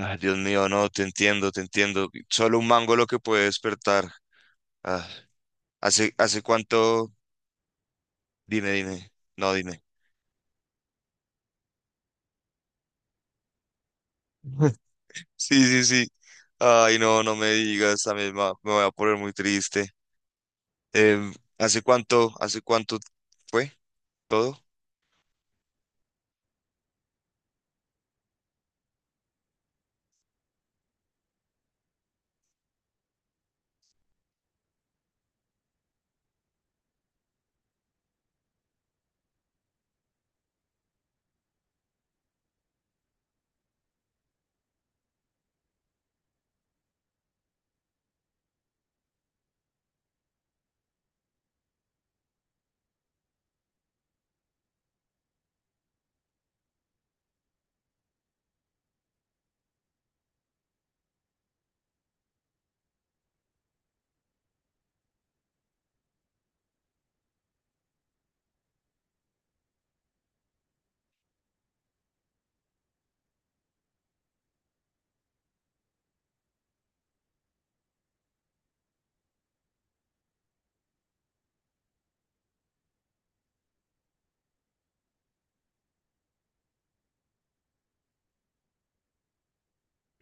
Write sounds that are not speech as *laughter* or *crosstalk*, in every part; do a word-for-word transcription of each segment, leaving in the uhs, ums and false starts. Ah, Dios mío, no, te entiendo, te entiendo. Solo un mango lo que puede despertar. Ah, ¿hace, hace cuánto? Dime, dime. No, dime. *laughs* Sí, sí, sí. Ay, no, no me digas, también me va- me voy a poner muy triste. Em, ¿hace cuánto, hace cuánto fue todo?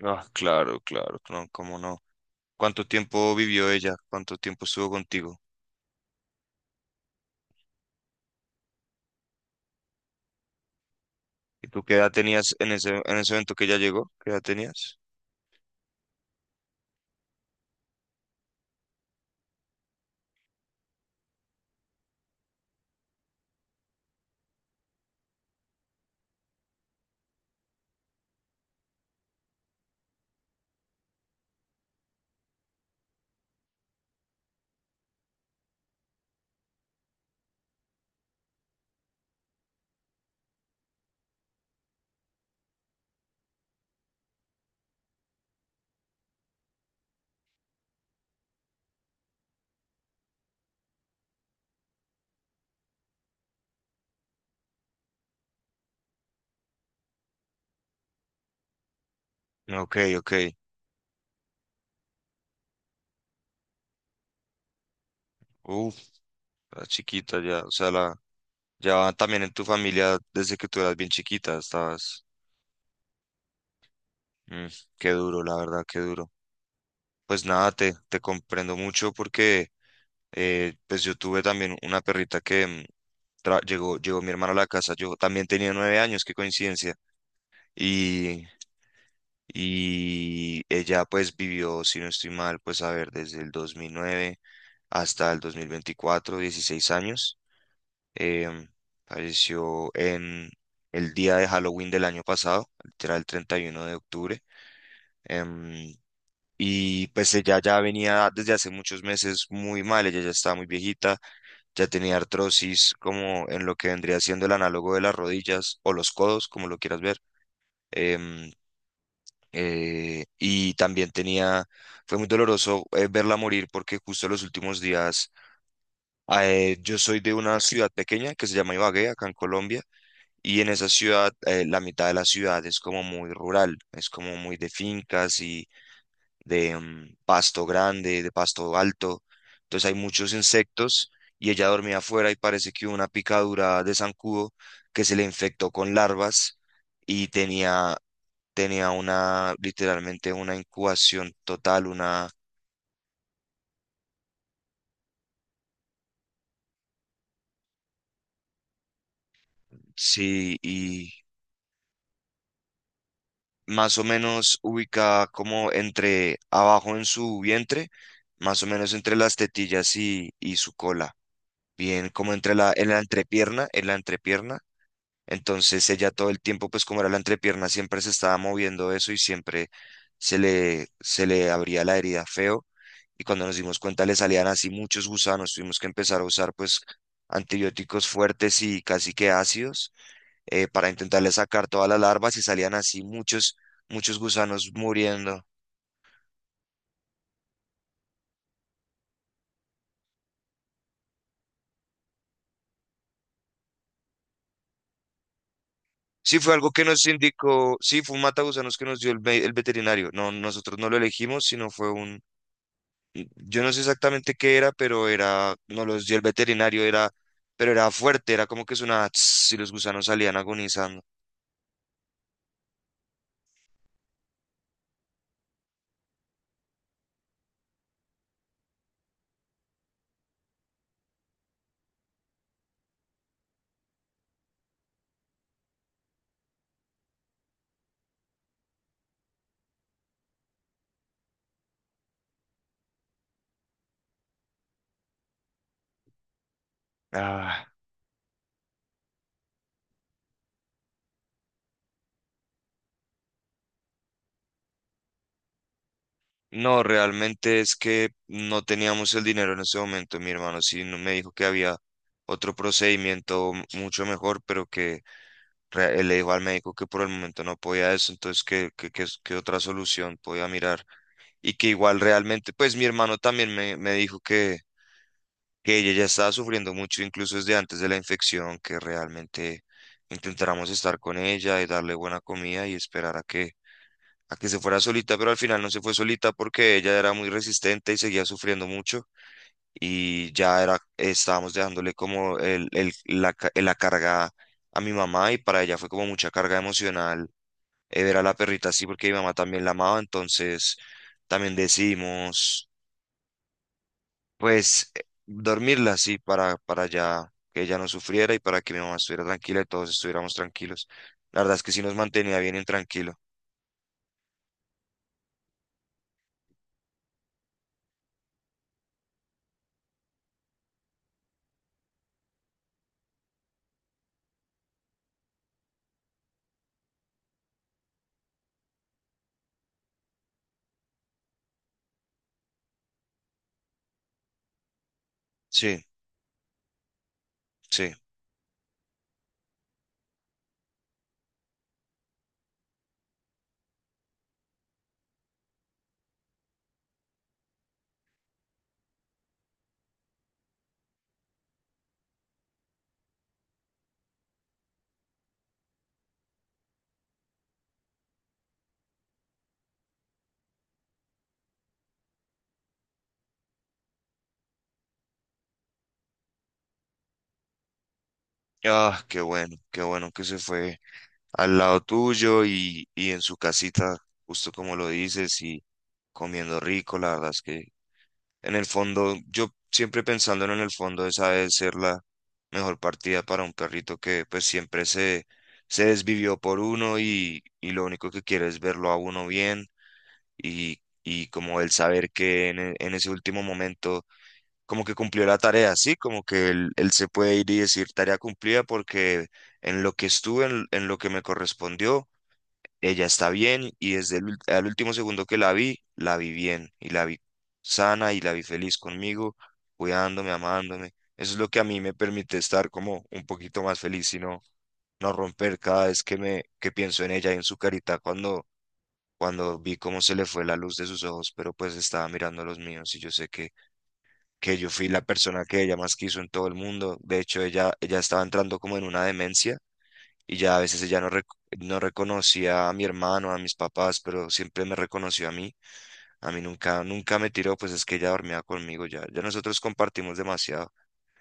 Ah, claro, claro, no, cómo no. ¿Cuánto tiempo vivió ella? ¿Cuánto tiempo estuvo contigo? ¿Y tú qué edad tenías en ese, en ese evento que ella llegó? ¿Qué edad tenías? Ok, ok. Uf, la chiquita ya, o sea, la, ya también en tu familia, desde que tú eras bien chiquita, estabas... Mm, qué duro, la verdad, qué duro. Pues nada, te, te comprendo mucho porque eh, pues yo tuve también una perrita que mm, tra- llegó, llegó mi hermana a la casa, yo también tenía nueve años, qué coincidencia. Y, y ella pues vivió, si no estoy mal, pues a ver, desde el dos mil nueve hasta el dos mil veinticuatro, dieciséis años. em, Falleció en el día de Halloween del año pasado, literal el treinta y uno de octubre. em, y pues ella ya venía desde hace muchos meses muy mal, ella ya estaba muy viejita, ya tenía artrosis como en lo que vendría siendo el análogo de las rodillas o los codos, como lo quieras ver. em, eh, y también tenía, fue muy doloroso eh, verla morir porque justo los últimos días, eh, yo soy de una ciudad pequeña que se llama Ibagué, acá en Colombia. Y en esa ciudad, eh, la mitad de la ciudad es como muy rural, es como muy de fincas y de mm, pasto grande, de pasto alto. Entonces hay muchos insectos y ella dormía afuera y parece que hubo una picadura de zancudo que se le infectó con larvas y tenía, tenía una, literalmente una incubación total, una, sí, y más o menos ubicada como entre abajo en su vientre, más o menos entre las tetillas y, y su cola, bien como entre la, en la entrepierna, en la entrepierna. Entonces ella todo el tiempo, pues como era la entrepierna, siempre se estaba moviendo eso y siempre se le, se le abría la herida feo. Y cuando nos dimos cuenta le salían así muchos gusanos, tuvimos que empezar a usar pues antibióticos fuertes y casi que ácidos eh, para intentarle sacar todas las larvas y salían así muchos, muchos gusanos muriendo. Sí, fue algo que nos indicó, sí, fue un matagusanos que nos dio el, ve- el veterinario. No, nosotros no lo elegimos, sino fue un, yo no sé exactamente qué era, pero era, nos los dio el veterinario, era, pero era fuerte, era como que sonaba tss, y los gusanos salían agonizando. Ah, no, realmente es que no teníamos el dinero en ese momento, mi hermano. Sí, no- me dijo que había otro procedimiento mucho mejor, pero que re- eh, le dijo al médico que por el momento no podía eso, entonces que, que, que, que otra solución podía mirar. Y que igual realmente, pues mi hermano también me, me dijo que, que ella ya estaba sufriendo mucho, incluso desde antes de la infección, que realmente intentáramos estar con ella y darle buena comida y esperar a que, a que se fuera solita, pero al final no se fue solita porque ella era muy resistente y seguía sufriendo mucho. Y ya era, estábamos dejándole como el, el, la, ca- la carga a mi mamá y para ella fue como mucha carga emocional eh, ver a la perrita así porque mi mamá también la amaba, entonces también decidimos pues eh, dormirla así para, para ya que ella no sufriera y para que mi mamá estuviera tranquila y todos estuviéramos tranquilos. La verdad es que sí nos mantenía bien intranquilo. Sí, sí. Ah, qué bueno, qué bueno que se fue al lado tuyo y, y en su casita, justo como lo dices, y comiendo rico, la verdad es que en el fondo, yo siempre pensándolo en el fondo, esa debe ser la mejor partida para un perrito que pues siempre se, se desvivió por uno y, y lo único que quiere es verlo a uno bien y, y como el saber que en, e- en ese último momento como que cumplió la tarea, ¿sí? Como que él, él se puede ir y decir tarea cumplida porque en lo que estuve, en, en lo que me correspondió ella está bien y desde el, ul- al último segundo que la vi, la vi bien y la vi sana y la vi feliz conmigo, cuidándome, amándome. Eso es lo que a mí me permite estar como un poquito más feliz y no, no romper cada vez que me que pienso en ella y en su carita cuando cuando vi cómo se le fue la luz de sus ojos, pero pues estaba mirando los míos y yo sé que que yo fui la persona que ella más quiso en todo el mundo. De hecho, ella ella estaba entrando como en una demencia y ya a veces ella no, rec- no reconocía a mi hermano, a mis papás, pero siempre me reconoció a mí. A mí nunca, nunca me tiró, pues es que ella dormía conmigo ya. Ya nosotros compartimos demasiado.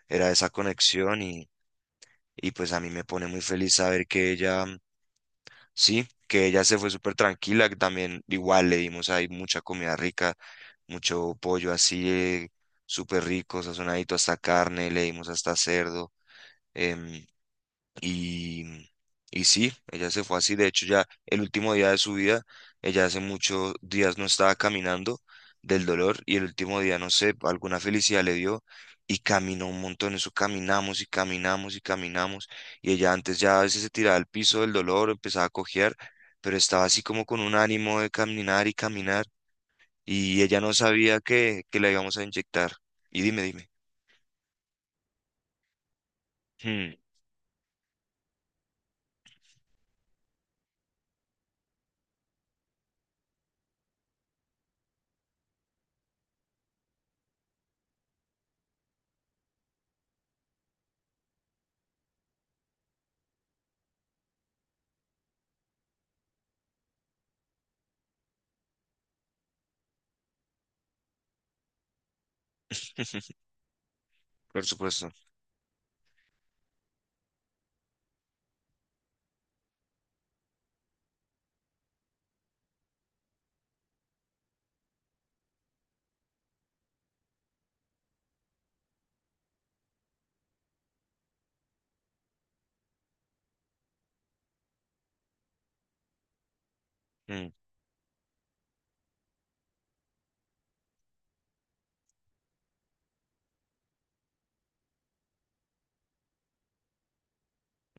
Era esa conexión y, y pues a mí me pone muy feliz saber que ella, sí, que ella se fue súper tranquila, que también igual le dimos ahí mucha comida rica, mucho pollo así, eh, súper rico, sazonadito hasta carne, le dimos hasta cerdo. em, y, y sí, ella se fue así. De hecho, ya el último día de su vida, ella hace muchos días no estaba caminando del dolor y el último día, no sé, alguna felicidad le dio y caminó un montón. Eso caminamos y caminamos y caminamos. Y ella antes ya a veces se tiraba al piso del dolor, empezaba a cojear, pero estaba así como con un ánimo de caminar y caminar. Y ella no sabía que, que la íbamos a inyectar. Y dime, dime. Hmm, por supuesto.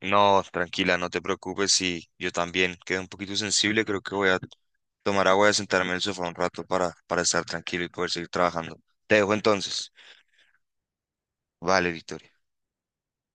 No, tranquila, no te preocupes. Sí, yo también quedé un poquito sensible. Creo que voy a tomar agua y a sentarme en el sofá un rato para, para estar tranquilo y poder seguir trabajando. Te dejo entonces. Vale, Víctor.